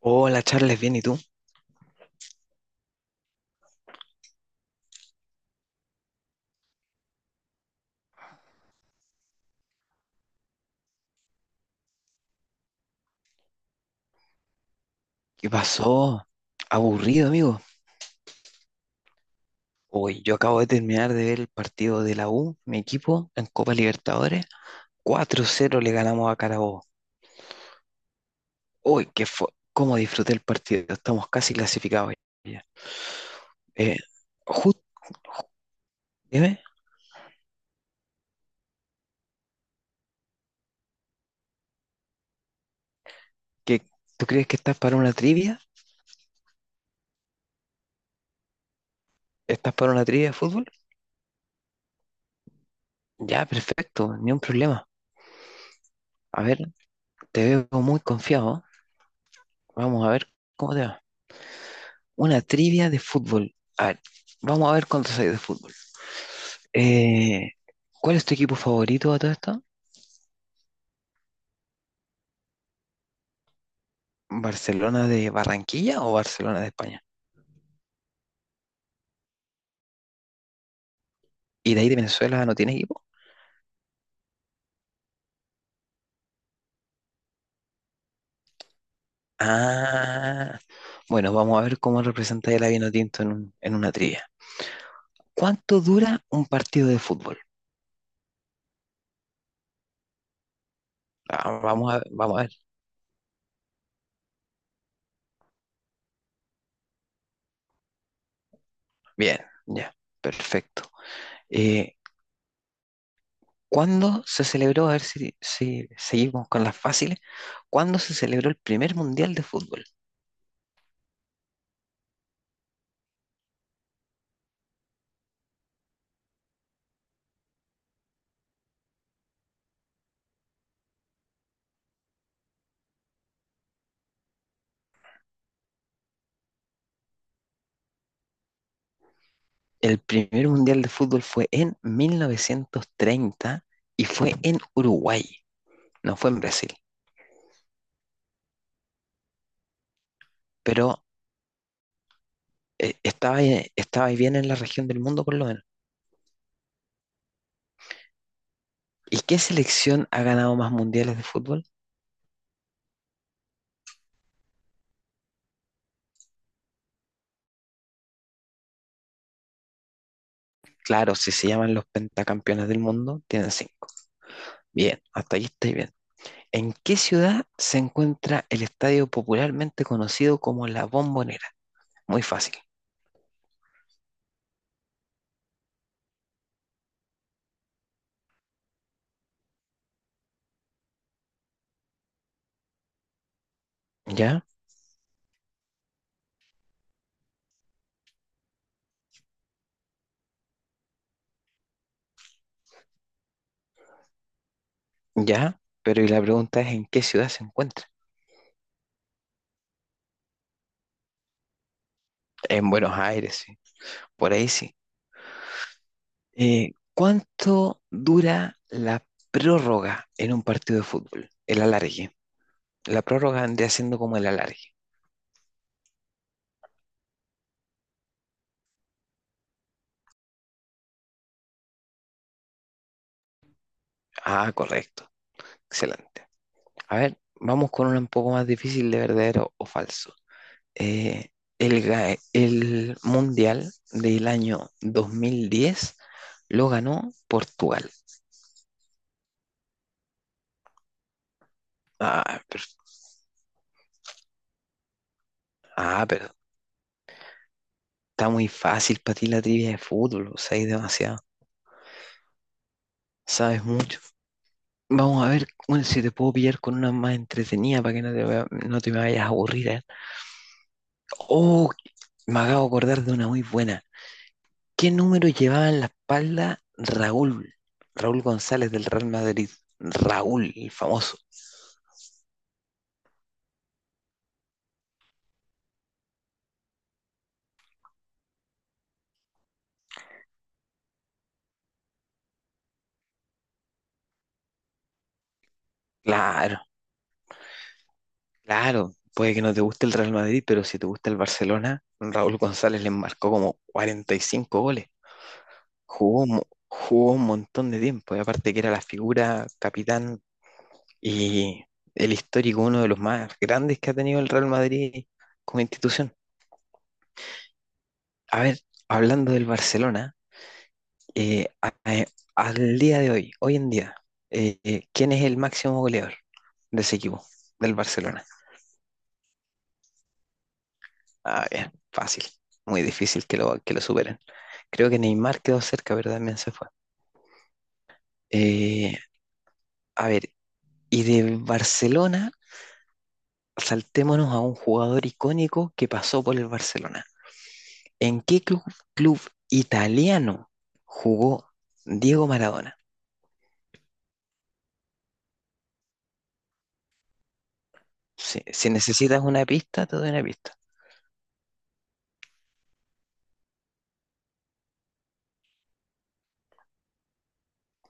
Hola Charles, bien, ¿y tú? ¿Qué pasó? Aburrido, amigo. Hoy yo acabo de terminar de ver el partido de la U, mi equipo, en Copa Libertadores. 4-0 le ganamos a Carabobo. Uy, qué fue. ¿Cómo disfruté el partido? Estamos casi clasificados ya. Eh, justo, dime, ¿que tú crees que estás para una trivia? ¿Estás para una trivia de fútbol? Ya, perfecto, ni un problema. A ver, te veo muy confiado. Vamos a ver cómo te va. Una trivia de fútbol. A ver, vamos a ver cuánto sabes de fútbol. Eh, ¿Cuál es tu equipo favorito a todo esto? ¿Barcelona de Barranquilla o Barcelona de España? ¿Y de ahí de Venezuela no tiene equipo? Ah, bueno, vamos a ver cómo representa el vino en, en una trivia. ¿Cuánto dura un partido de fútbol? Ah, vamos a ver. Bien, ya, perfecto. Eh, ¿Cuándo se celebró? A ver si seguimos con las fáciles. ¿Cuándo se celebró el primer mundial de fútbol? El primer mundial de fútbol fue en 1930 y fue en Uruguay, no fue en Brasil, pero estaba ahí bien en la región del mundo por lo menos. ¿Y qué selección ha ganado más mundiales de fútbol? Claro, si se llaman los pentacampeones del mundo, tienen cinco. Bien, hasta ahí estáis bien. ¿En qué ciudad se encuentra el estadio popularmente conocido como La Bombonera? Muy fácil. ¿Ya? ¿Ya? Pero y la pregunta es, ¿en qué ciudad se encuentra? En Buenos Aires, sí. Por ahí sí. ¿Cuánto dura la prórroga en un partido de fútbol? El alargue. La prórroga vendría siendo como el alargue. Ah, correcto. Excelente. A ver, vamos con una un poco más difícil de verdadero o falso. Eh, el Mundial del año 2010 lo ganó Portugal. Ah, pero, ah, pero está muy fácil para ti la trivia de fútbol, o sea, hay demasiado. Sabes mucho. Vamos a ver bueno, si te puedo pillar con una más entretenida para que no te me vayas a aburrir, ¿eh? Oh, me acabo de acordar de una muy buena. ¿Qué número llevaba en la espalda Raúl? Raúl González del Real Madrid. Raúl, el famoso. Claro, claro. Puede que no te guste el Real Madrid, pero si te gusta el Barcelona, Raúl González le marcó como 45 goles. Jugó, un mo- jugó un montón de tiempo. Y aparte que era la figura capitán y el histórico, uno de los más grandes que ha tenido el Real Madrid como institución. A ver, hablando del Barcelona, eh, a- eh, al día de hoy, hoy en día, ¿quién es el máximo goleador de ese equipo, del Barcelona? Ah, bien, fácil, muy difícil que que lo superen. Creo que Neymar quedó cerca, pero también se fue. Eh, a ver, y de Barcelona, saltémonos a un jugador icónico que pasó por el Barcelona. ¿En qué club italiano jugó Diego Maradona? Si necesitas una pista, te doy una pista.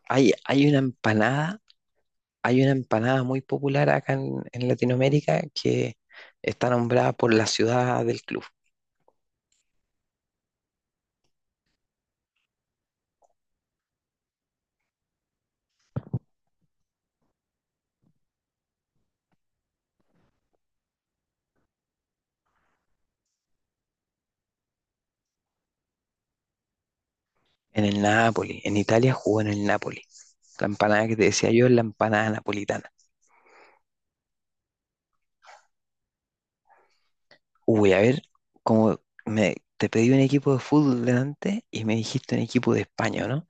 Hay una empanada hay una empanada muy popular acá en Latinoamérica que está nombrada por la ciudad del club, en el Napoli. En Italia jugó en el Napoli. La empanada que te decía yo es la empanada napolitana. Uy, a ver, como te pedí un equipo de fútbol delante y me dijiste un equipo de España, ¿o no?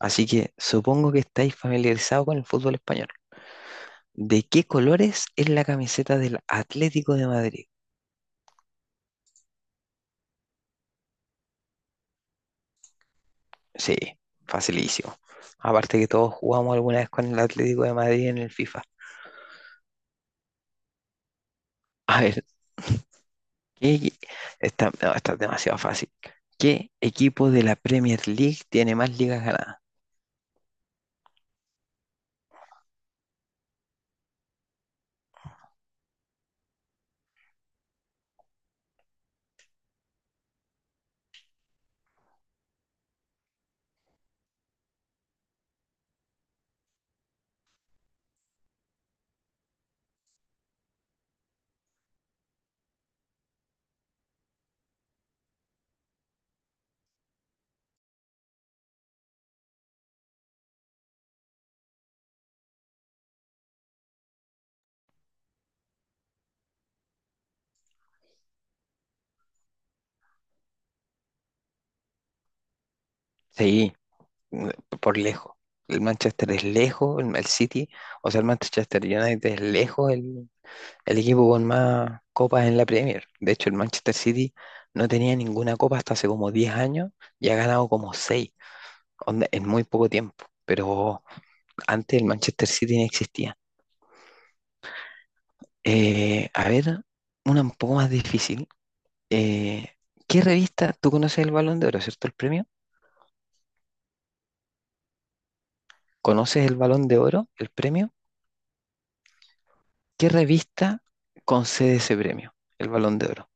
Así que supongo que estáis familiarizados con el fútbol español. ¿De qué colores es la camiseta del Atlético de Madrid? Sí, facilísimo. Aparte que todos jugamos alguna vez con el Atlético de Madrid en el FIFA. A ver, ¿qué equi- esta, no, esta es demasiado fácil. ¿Qué equipo de la Premier League tiene más ligas ganadas? Sí, mm, por lejos. El Manchester es lejos, el City, o sea, el Manchester United es lejos, el equipo con más copas en la Premier. De hecho, el Manchester City no tenía ninguna copa hasta hace como 10 años y ha ganado como 6, en muy poco tiempo. Pero antes el Manchester City no existía. A ver, una un poco más difícil. Eh, ¿Qué revista? Tú conoces el Balón de Oro, ¿cierto? El premio. ¿Conoces el Balón de Oro, el premio? ¿Qué revista concede ese premio? El Balón de Oro.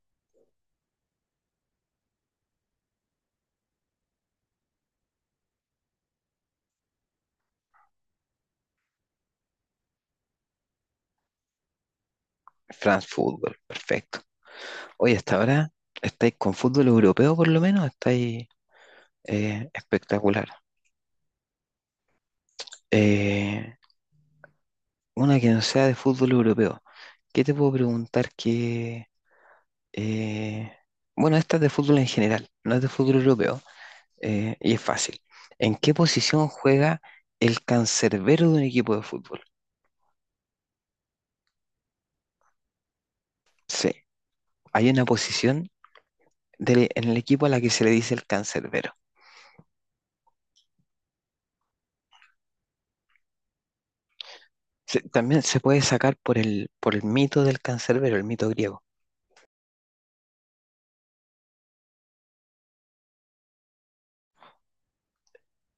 France Football, perfecto. Oye, hasta ahora estáis con fútbol europeo por lo menos, estáis espectacular. Eh, una que no sea de fútbol europeo. ¿Qué te puedo preguntar que... eh, bueno, esta es de fútbol en general, no es de fútbol europeo, y es fácil. ¿En qué posición juega el cancerbero de un equipo de fútbol? Sí, hay una posición en el equipo a la que se le dice el cancerbero. También se puede sacar por por el mito del cancerbero, el mito griego.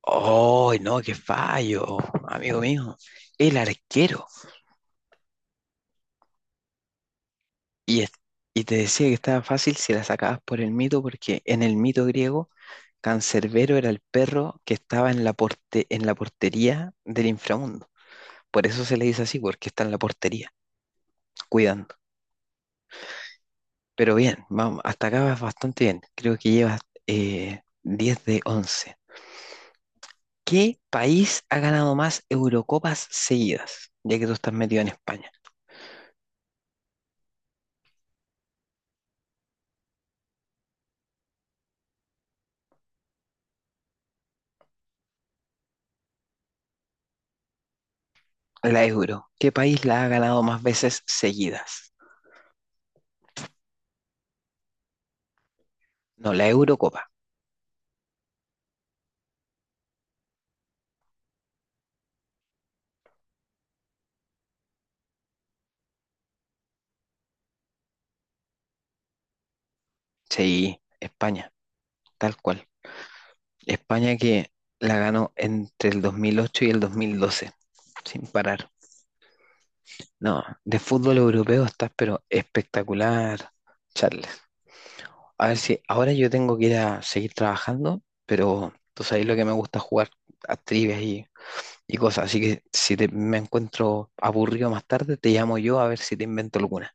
¡Oh, no, qué fallo, amigo mío! El arquero. Y, es- y te decía que estaba fácil si la sacabas por el mito, porque en el mito griego, Cancerbero era el perro que estaba en en la portería del inframundo. Por eso se le dice así, porque está en la portería, cuidando. Pero bien, vamos, hasta acá vas bastante bien. Creo que llevas 10 de once. ¿Qué país ha ganado más Eurocopas seguidas? Ya que tú estás metido en España. La Euro. ¿Qué país la ha ganado más veces seguidas? No, la Eurocopa. Sí, España, tal cual. España que la ganó entre el 2008 y el 2012, sin parar. No, de fútbol europeo estás, pero espectacular, Charles. A ver si ahora yo tengo que ir a seguir trabajando, pero tú sabes lo que me gusta jugar a trivias y cosas. Así que si me encuentro aburrido más tarde, te llamo yo a ver si te invento alguna.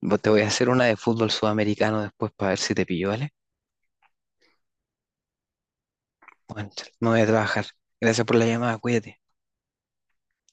Vos Te voy a hacer una de fútbol sudamericano después para ver si te pillo, ¿vale? Bueno, Charles, me voy a trabajar. Gracias por la llamada, cuídate.